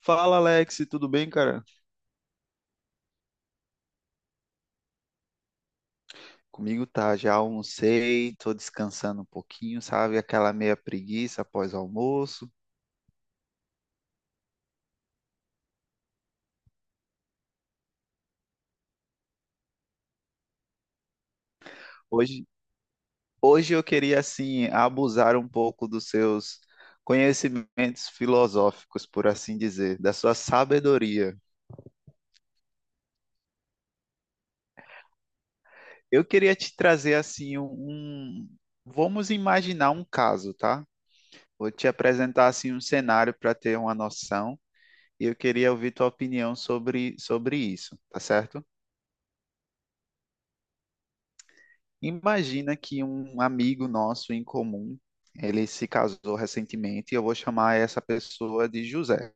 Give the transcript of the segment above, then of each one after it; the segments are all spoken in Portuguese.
Fala, Alex, tudo bem, cara? Comigo tá, já almocei, tô descansando um pouquinho, sabe? Aquela meia preguiça após o almoço. Hoje, hoje, eu queria, assim, abusar um pouco dos seus conhecimentos filosóficos, por assim dizer, da sua sabedoria. Eu queria te trazer, assim, vamos imaginar um caso, tá? Vou te apresentar, assim, um cenário para ter uma noção e eu queria ouvir tua opinião sobre isso, tá certo? Imagina que um amigo nosso em comum, ele se casou recentemente e eu vou chamar essa pessoa de José.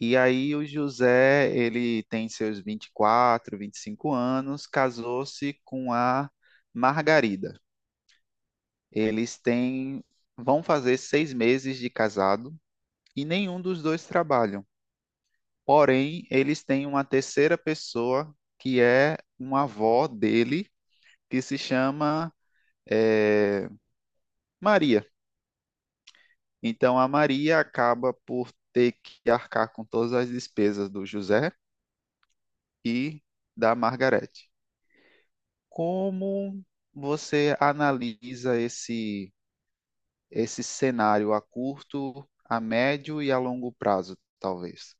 E aí o José, ele tem seus 24, 25 anos, casou-se com a Margarida. Eles têm, vão fazer 6 meses de casado e nenhum dos dois trabalham. Porém, eles têm uma terceira pessoa que é uma avó dele, que se chama eh, Maria. Então a Maria acaba por ter que arcar com todas as despesas do José e da Margarete. Como você analisa esse cenário a curto, a médio e a longo prazo, talvez?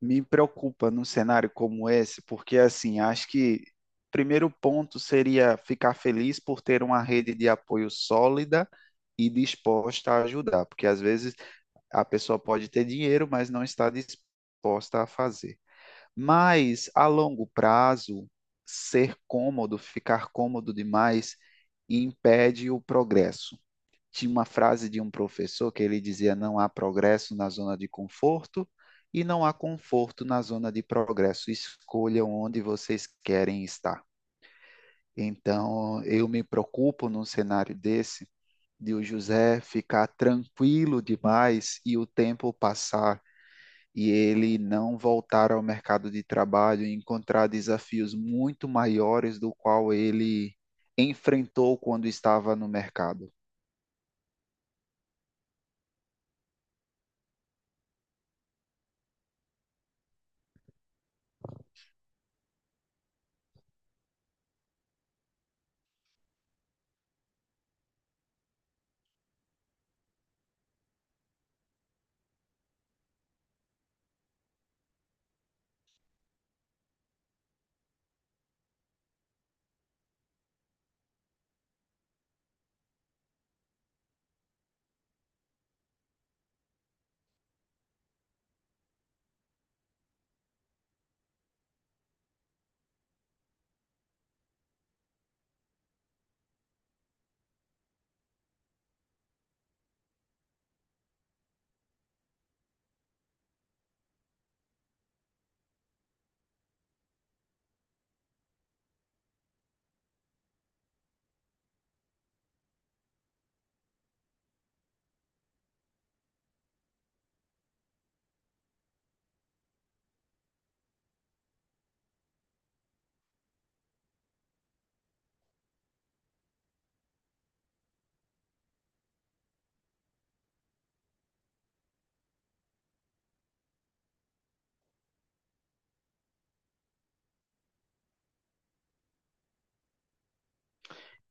Me preocupa num cenário como esse, porque assim, acho que o primeiro ponto seria ficar feliz por ter uma rede de apoio sólida e disposta a ajudar, porque às vezes a pessoa pode ter dinheiro, mas não está disposta a fazer. Mas a longo prazo, ser cômodo, ficar cômodo demais, impede o progresso. Tinha uma frase de um professor que ele dizia: não há progresso na zona de conforto e não há conforto na zona de progresso. Escolham onde vocês querem estar. Então, eu me preocupo num cenário desse de o José ficar tranquilo demais e o tempo passar e ele não voltar ao mercado de trabalho e encontrar desafios muito maiores do qual ele enfrentou quando estava no mercado.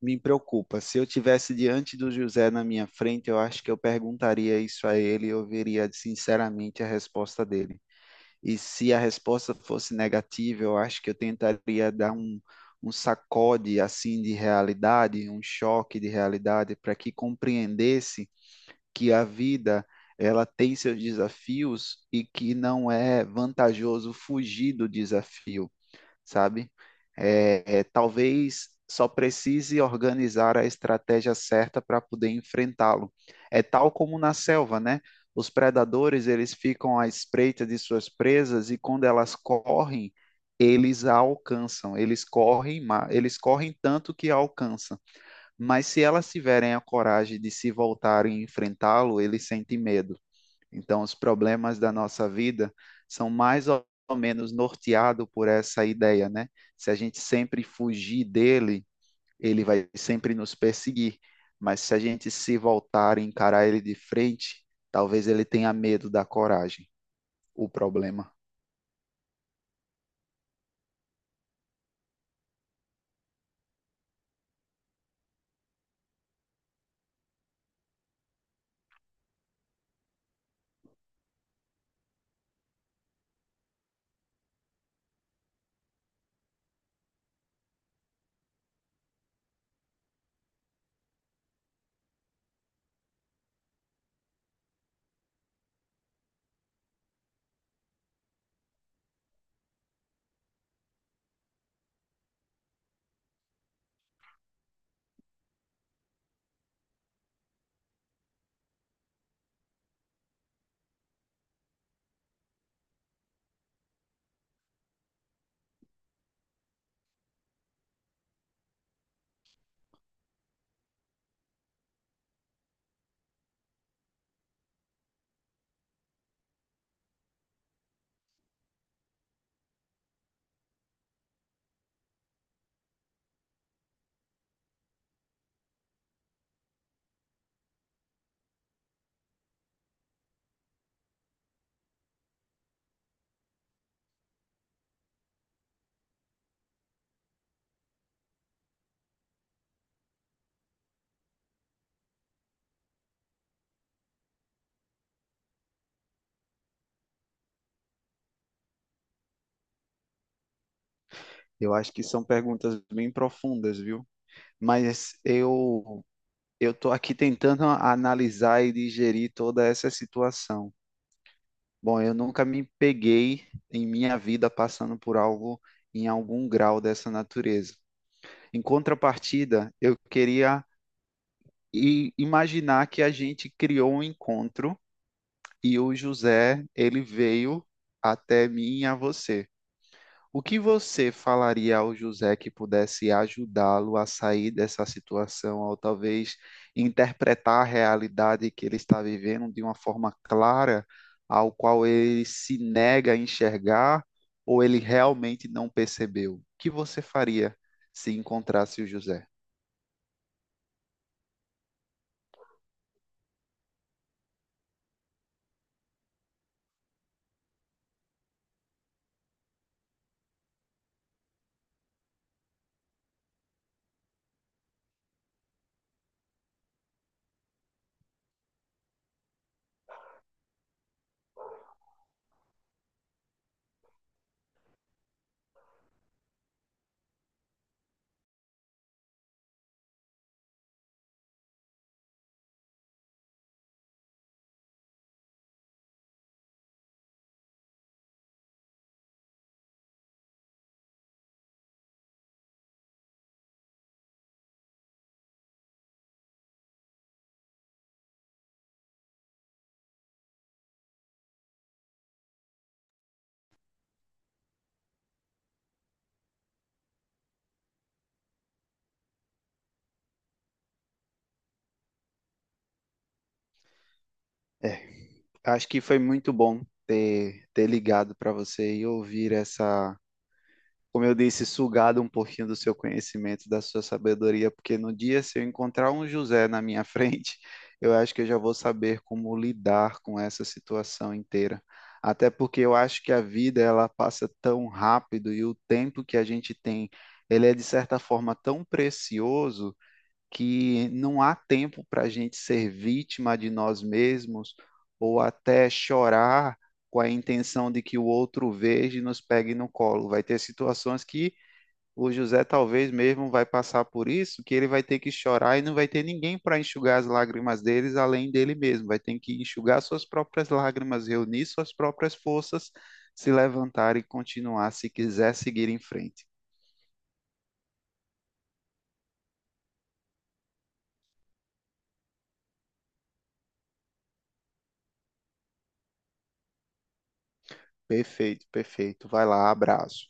Me preocupa. Se eu tivesse diante do José na minha frente, eu acho que eu perguntaria isso a ele e eu veria sinceramente a resposta dele. E se a resposta fosse negativa, eu acho que eu tentaria dar um sacode assim de realidade, um choque de realidade, para que compreendesse que a vida ela tem seus desafios e que não é vantajoso fugir do desafio, sabe? Talvez só precise organizar a estratégia certa para poder enfrentá-lo. É tal como na selva, né? Os predadores, eles ficam à espreita de suas presas e quando elas correm, eles a alcançam. Eles correm, eles correm tanto que a alcançam. Mas se elas tiverem a coragem de se voltarem e enfrentá-lo, ele sente medo. Então, os problemas da nossa vida são mais ou menos norteados por essa ideia, né? Se a gente sempre fugir dele, ele vai sempre nos perseguir. Mas se a gente se voltar e encarar ele de frente, talvez ele tenha medo da coragem, o problema. Eu acho que são perguntas bem profundas, viu? Mas eu estou aqui tentando analisar e digerir toda essa situação. Bom, eu nunca me peguei em minha vida passando por algo em algum grau dessa natureza. Em contrapartida, eu queria imaginar que a gente criou um encontro e o José, ele veio até mim e a você. O que você falaria ao José que pudesse ajudá-lo a sair dessa situação, ou talvez interpretar a realidade que ele está vivendo de uma forma clara, ao qual ele se nega a enxergar, ou ele realmente não percebeu? O que você faria se encontrasse o José? É, acho que foi muito bom ter ligado para você e ouvir essa, como eu disse, sugado um pouquinho do seu conhecimento, da sua sabedoria, porque no dia, se eu encontrar um José na minha frente, eu acho que eu já vou saber como lidar com essa situação inteira. Até porque eu acho que a vida ela passa tão rápido e o tempo que a gente tem, ele é de certa forma tão precioso que não há tempo para a gente ser vítima de nós mesmos ou até chorar com a intenção de que o outro veja e nos pegue no colo. Vai ter situações que o José talvez mesmo vai passar por isso, que ele vai ter que chorar e não vai ter ninguém para enxugar as lágrimas deles além dele mesmo. Vai ter que enxugar suas próprias lágrimas, reunir suas próprias forças, se levantar e continuar se quiser seguir em frente. Perfeito, perfeito. Vai lá, abraço.